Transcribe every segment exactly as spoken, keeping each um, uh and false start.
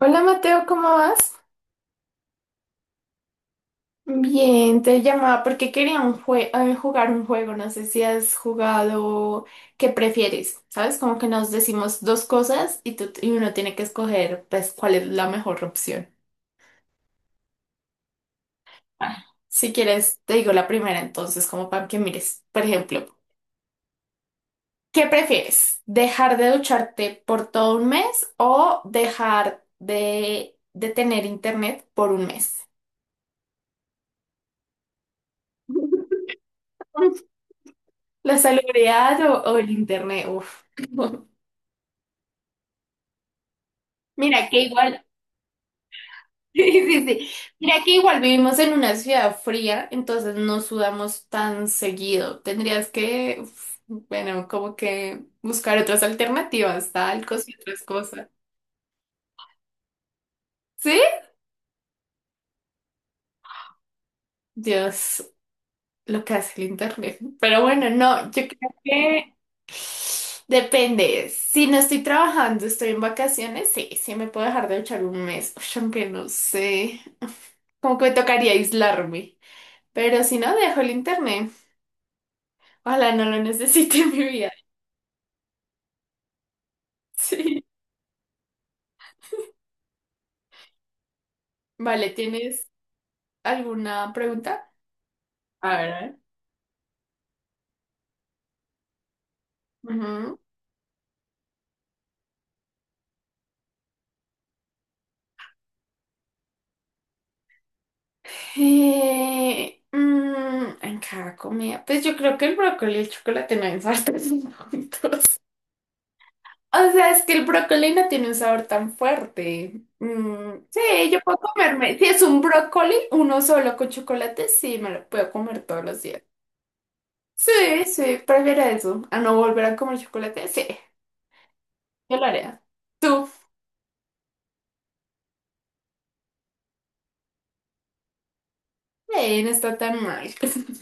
Hola Mateo, ¿cómo vas? Bien, te llamaba porque quería un jue- eh, jugar un juego. No sé si has jugado. ¿Qué prefieres? ¿Sabes? Como que nos decimos dos cosas y, tú- y uno tiene que escoger pues cuál es la mejor opción. Ah. Si quieres, te digo la primera entonces, como para que mires. Por ejemplo, ¿qué prefieres? ¿Dejar de ducharte por todo un mes o dejar de, de tener internet por un mes? La salubridad o, o el internet, uff. Mira que igual, sí, sí, sí. Mira que igual vivimos en una ciudad fría, entonces no sudamos tan seguido. Tendrías que, uf, bueno, como que buscar otras alternativas, talcos y otras cosas. ¿Sí? Dios, lo que hace el internet. Pero bueno, no, yo creo que depende. Si no estoy trabajando, estoy en vacaciones, sí, sí me puedo dejar de echar un mes. Uy, aunque no sé. Como que me tocaría aislarme. Pero si no, dejo el internet. Ojalá no lo necesite en mi vida. Sí. Vale, ¿tienes alguna pregunta? A ver, a ver. Ujú. Eh, mm, en cada comida. Pues yo creo que el brócoli y el chocolate no hay sabores juntos. O sea, es que el brócoli no tiene un sabor tan fuerte. Mm, sí, yo puedo comerme. Si es un brócoli, uno solo con chocolate, sí, me lo puedo comer todos los días. Sí, sí, prefiero eso. A no volver a comer chocolate, sí, yo lo haré. ¿Tú? Eh, no está tan mal.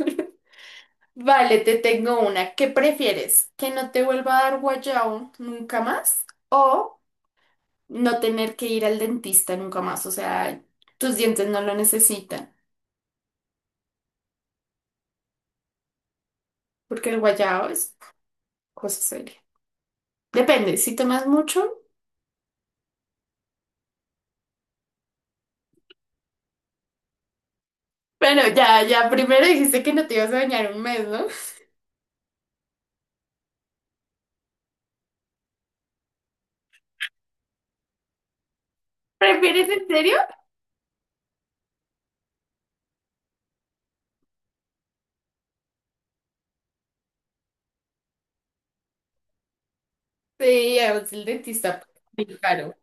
Vale, te tengo una. ¿Qué prefieres? ¿Que no te vuelva a dar guayao nunca más? ¿O no tener que ir al dentista nunca más? O sea, tus dientes no lo necesitan. Porque el guayao es cosa seria. Depende, si tomas mucho. Bueno, ya, ya, primero dijiste que no te ibas a bañar un mes, ¿no? ¿Prefieres en serio? Sí, además el dentista muy caro.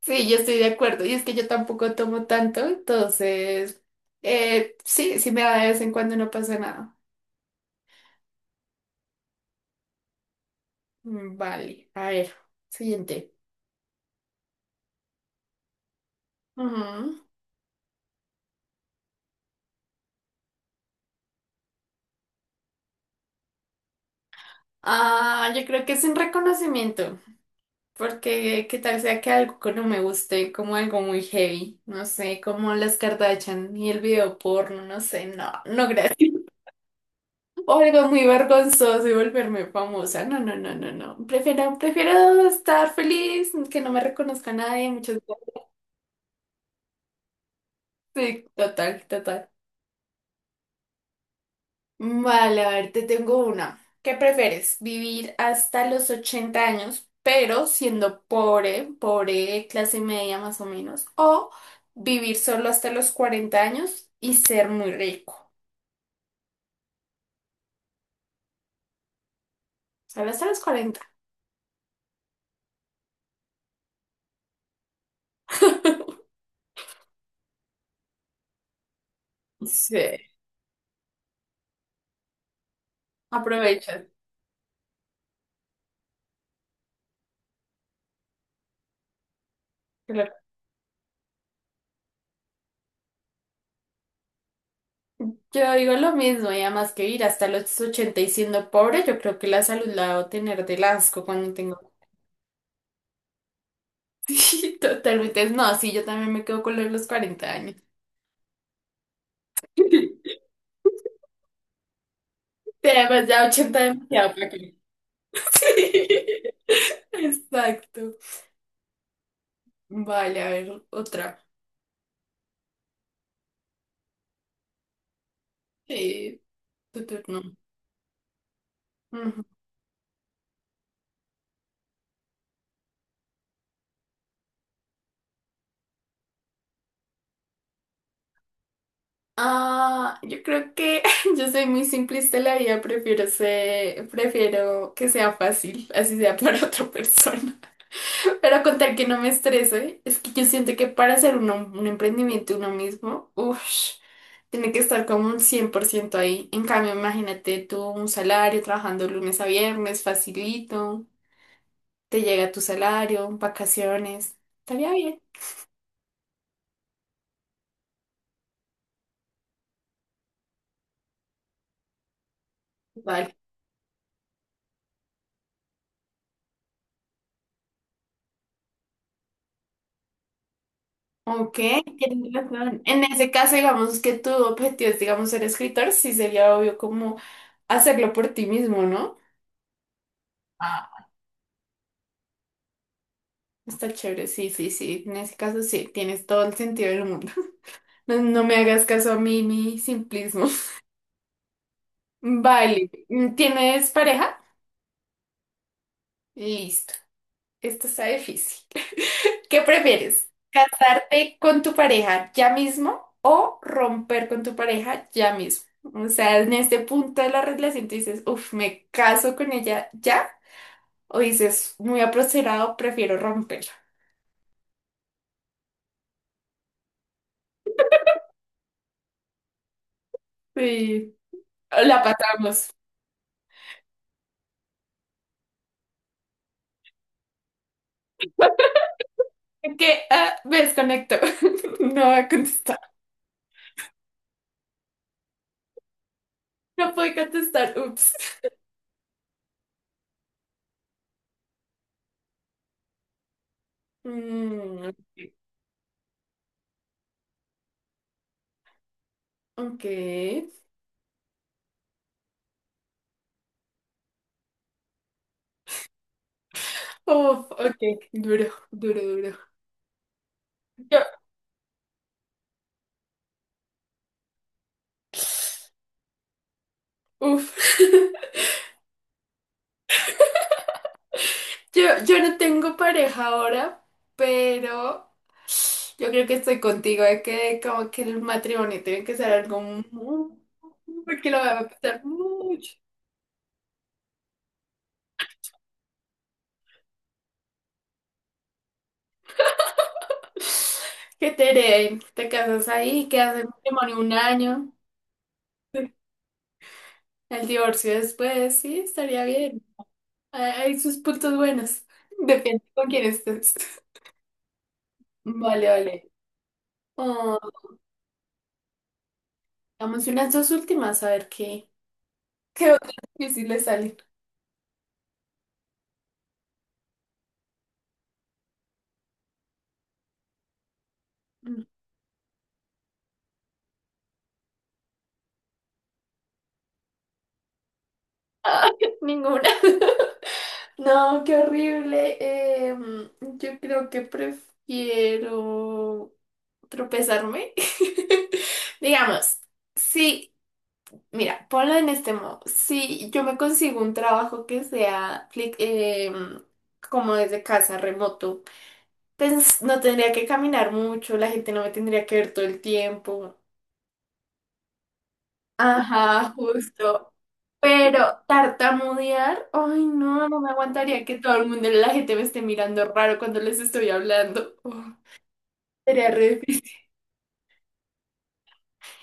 Sí, yo estoy de acuerdo. Y es que yo tampoco tomo tanto, entonces, eh, sí, sí me da de vez en cuando, no pasa nada. Mm, vale, a ver, siguiente. Ujú. Ah, yo creo que es un reconocimiento, porque qué tal sea que algo que no me guste, como algo muy heavy, no sé, como las Kardashian y el video porno, no sé, no, no gracias. O algo muy vergonzoso y volverme famosa. No, no, no, no, no. Prefiero, prefiero estar feliz, que no me reconozca nadie. Muchas sí, total, total. Vale, a ver, te tengo una. ¿Qué prefieres? ¿Vivir hasta los ochenta años, pero siendo pobre, pobre, clase media más o menos? ¿O vivir solo hasta los cuarenta años y ser muy rico? Solo hasta los cuarenta. Sí. Aprovecha. Claro. Yo digo lo mismo, y además que vivir hasta los ochenta y siendo pobre, yo creo que la salud la debo tener del asco cuando tengo. Sí, totalmente. No, sí, yo también me quedo con lo de los cuarenta años. Te- Además, ya ochenta demasiado para que- Exacto. Vale, a ver, otra. Sí, tu turno. Ujú. Ah, yo creo que yo soy muy simplista en la vida, prefiero ser, prefiero que sea fácil, así sea para otra persona. Pero con tal que no me estreso, es que yo siento que para hacer uno, un emprendimiento uno mismo, uff, tiene que estar como un cien por ciento ahí. En cambio, imagínate tú un salario trabajando lunes a viernes, facilito, te llega tu salario, vacaciones, estaría bien. Vale. Ok, tienes razón. En ese caso, digamos que tu objetivo es, digamos, ser escritor, sí sería obvio como hacerlo por ti mismo, ¿no? Ah. Está chévere, sí, sí, sí. En ese caso, sí, tienes todo el sentido del mundo. No, no me hagas caso a mí, mi simplismo. Vale. ¿Tienes pareja? Listo. Esto está difícil. ¿Qué prefieres? ¿Casarte con tu pareja ya mismo o romper con tu pareja ya mismo? O sea, en este punto de la relación te dices, uff, me caso con ella ya. O dices, muy apresurado, prefiero romperla. Sí. La patamos. Que ah, me desconecto. No voy a contestar. No puedo contestar. Ups. Mm, ok. Uf, ok. Duro, duro, duro. Yo, uf. Yo, yo no tengo pareja ahora, pero yo creo que estoy contigo, de que como que el matrimonio tiene que ser algo muy, porque lo voy a pensar mucho. Que te hereden, te casas ahí, quedas en matrimonio un año, el divorcio después, sí, estaría bien. Hay hay sus puntos buenos. Depende con quién estés. Vale, vale. Oh, damos unas dos últimas a ver qué, qué otras difíciles salen. Ay, ninguna. No, qué horrible. Em, yo creo que prefiero tropezarme. Digamos, sí, mira, ponlo en este modo. Si yo me consigo un trabajo que sea fli- em, como desde casa, remoto, pues no tendría que caminar mucho, la gente no me tendría que ver todo el tiempo. Ajá, justo. Pero tartamudear, ay no, no me aguantaría que todo el mundo, la gente me esté mirando raro cuando les estoy hablando. Oh, sería re difícil.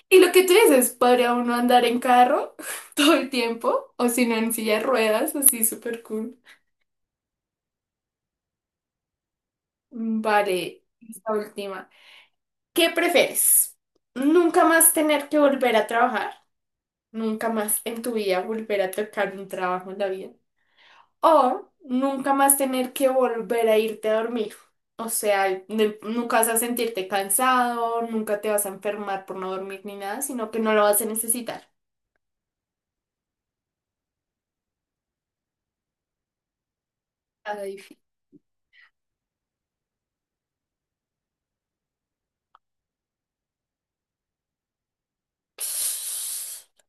Y lo que tú dices, ¿podría uno andar en carro todo el tiempo? O si no, en silla de ruedas, así súper cool. Mm, vale, esta última. ¿Qué prefieres? ¿Nunca más tener que volver a trabajar? ¿Nunca más en tu vida volver a tocar un trabajo en la vida? O nunca más tener que volver a irte a dormir. O sea, de- nunca vas a sentirte cansado, nunca te vas a enfermar por no dormir ni nada, sino que no lo vas a necesitar. Nada difícil.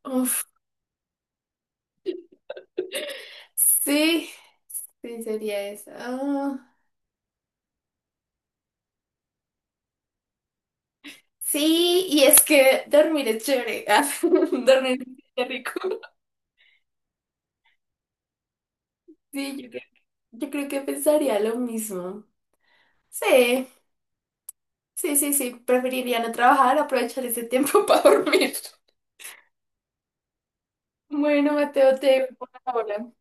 Uf, sí, sí sería eso. Ah, sí, y es que dormir es chévere. Ah, dormir es rico. Sí, yo creo, yo creo que pensaría lo mismo. Sí, sí, sí, sí. Preferiría no trabajar, aprovechar ese tiempo para dormir. Bueno, Mateo, te dejo por ahora.